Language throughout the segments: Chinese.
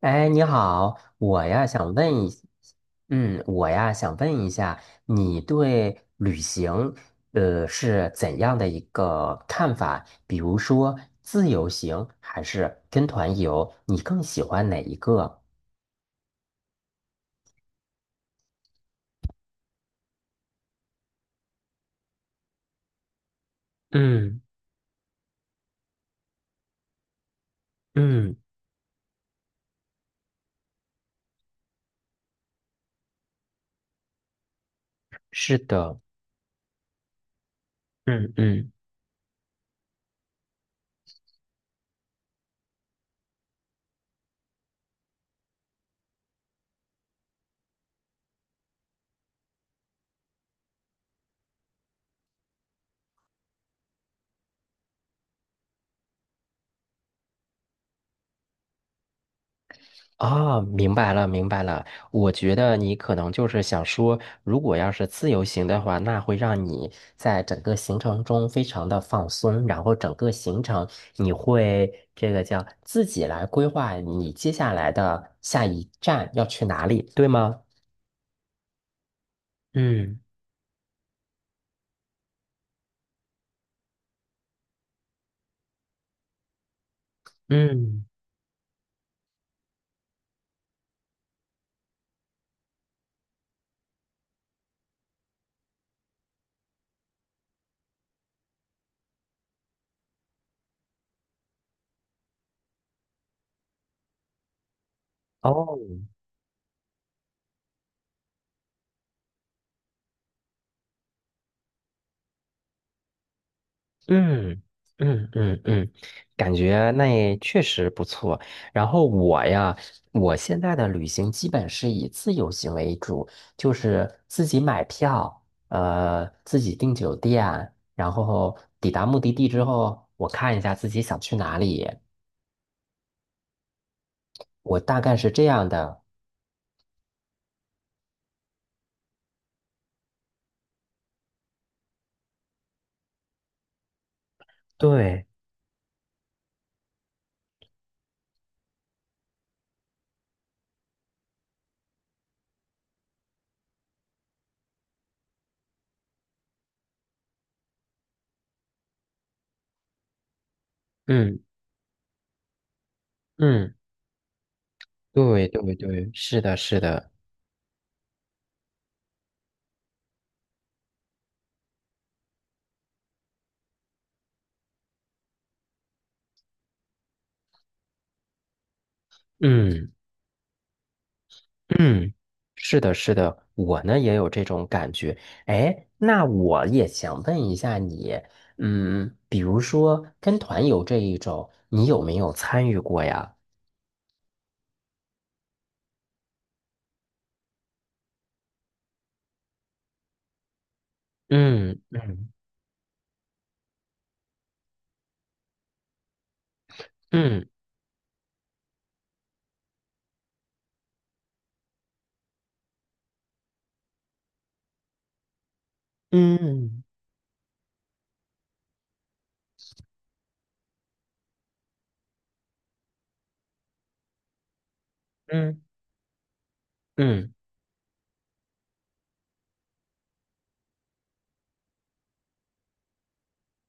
哎，你好，我呀想问一，我呀想问一下，你对旅行，是怎样的一个看法？比如说自由行还是跟团游，你更喜欢哪一个？嗯嗯，是的，嗯嗯。哦，明白了，明白了。我觉得你可能就是想说，如果要是自由行的话，那会让你在整个行程中非常的放松，然后整个行程你会这个叫自己来规划你接下来的下一站要去哪里，对吗？嗯嗯，哦。嗯嗯嗯嗯，感觉那也确实不错。然后我呀，我现在的旅行基本是以自由行为主，就是自己买票，自己订酒店，然后抵达目的地之后，我看一下自己想去哪里，我大概是这样的。对，嗯嗯，对对对，是的，是的，嗯。嗯，是的，是的，我呢也有这种感觉。哎，那我也想问一下你，嗯，比如说跟团游这一种，你有没有参与过呀？嗯嗯嗯嗯嗯嗯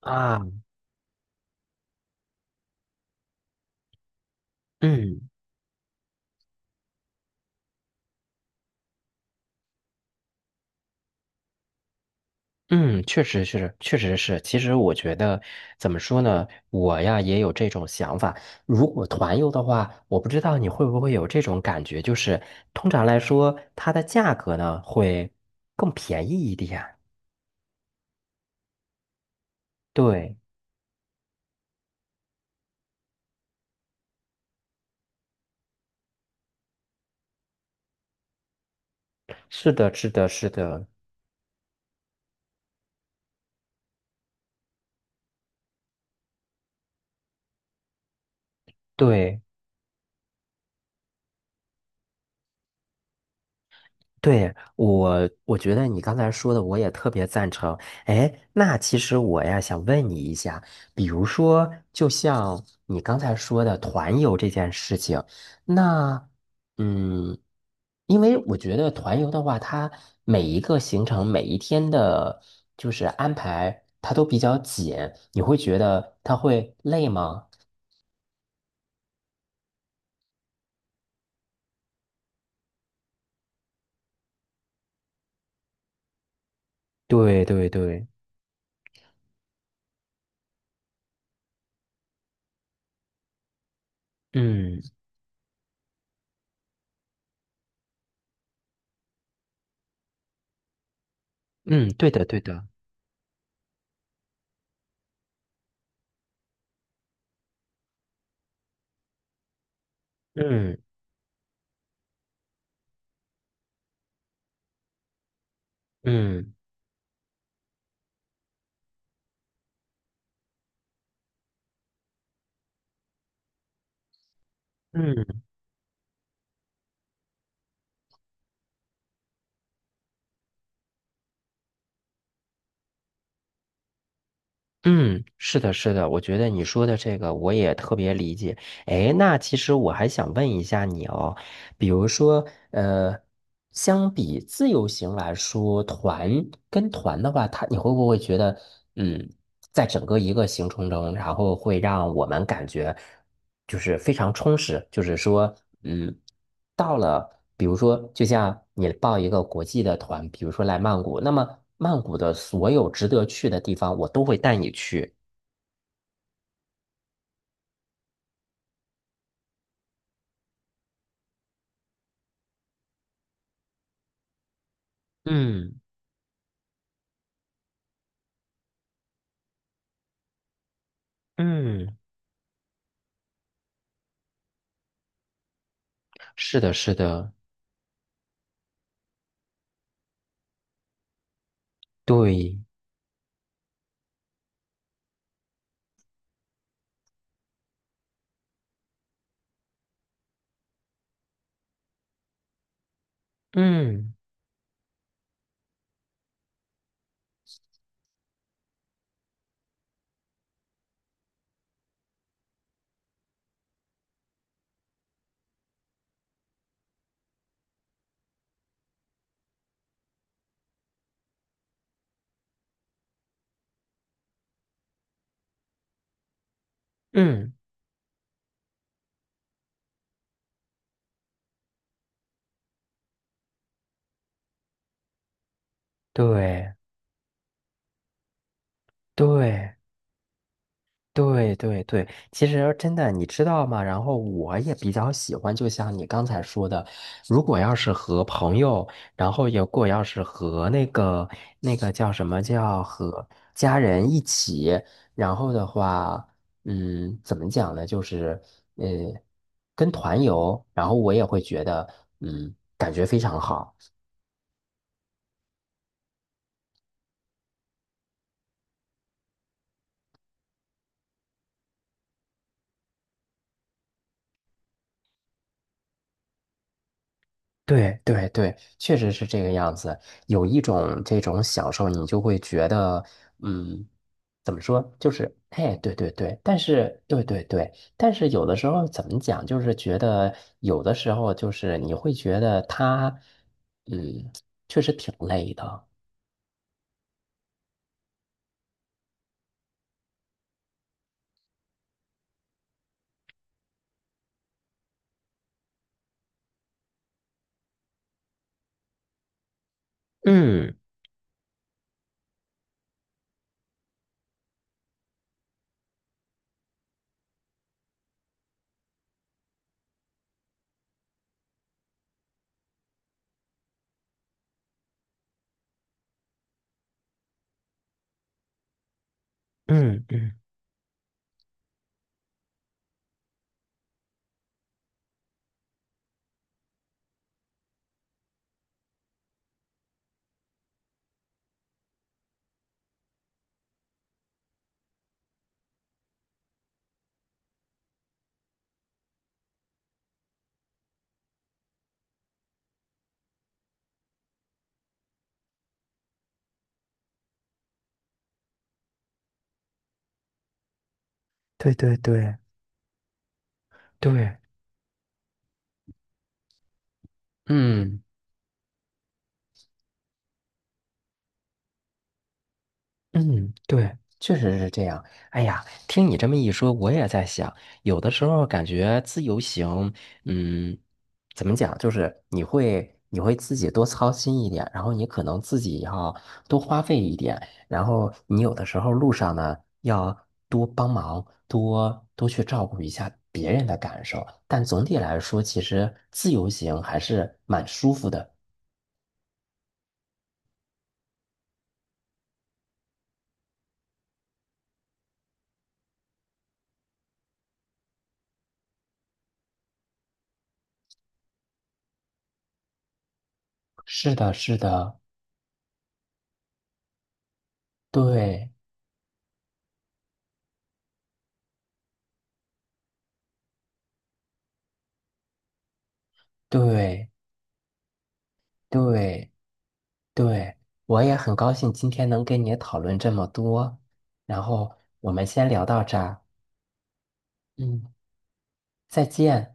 啊，嗯。嗯，确实是，确实是。其实我觉得，怎么说呢，我呀也有这种想法。如果团游的话，我不知道你会不会有这种感觉，就是通常来说，它的价格呢会更便宜一点。对，是的，是的，是的，对。对，我，我觉得你刚才说的我也特别赞成。哎，那其实我呀想问你一下，比如说，就像你刚才说的团游这件事情，那，嗯，因为我觉得团游的话，它每一个行程每一天的，就是安排，它都比较紧，你会觉得它会累吗？对对对，嗯嗯，对的对的，嗯嗯嗯。嗯，是的，是的，我觉得你说的这个我也特别理解。哎，那其实我还想问一下你哦，比如说，相比自由行来说，团跟团的话，它你会不会觉得，嗯，在整个一个行程中，然后会让我们感觉就是非常充实，就是说，嗯。到了，比如说，就像你报一个国际的团，比如说来曼谷，那么曼谷的所有值得去的地方，我都会带你去。嗯嗯，是的，是的，对，嗯嗯，对对。对对对，其实真的，你知道吗？然后我也比较喜欢，就像你刚才说的，如果要是和朋友，然后如果要是和那个那个叫什么叫和家人一起，然后的话，嗯，怎么讲呢？就是呃，跟团游，然后我也会觉得，嗯，感觉非常好。对对对，确实是这个样子。有一种这种享受，你就会觉得，嗯，怎么说，就是，哎，对对对，但是，对对对，但是有的时候怎么讲，就是觉得有的时候就是你会觉得他，嗯，确实挺累的。嗯嗯嗯，对对对对，嗯。嗯，对，确实是这样。哎呀，听你这么一说，我也在想，有的时候感觉自由行，嗯，怎么讲，就是你会你会自己多操心一点，然后你可能自己要多花费一点，然后你有的时候路上呢要多帮忙，多多去照顾一下别人的感受。但总体来说，其实自由行还是蛮舒服的。是的，是的，对对。对对，我也很高兴今天能跟你讨论这么多，然后我们先聊到这儿，嗯，再见。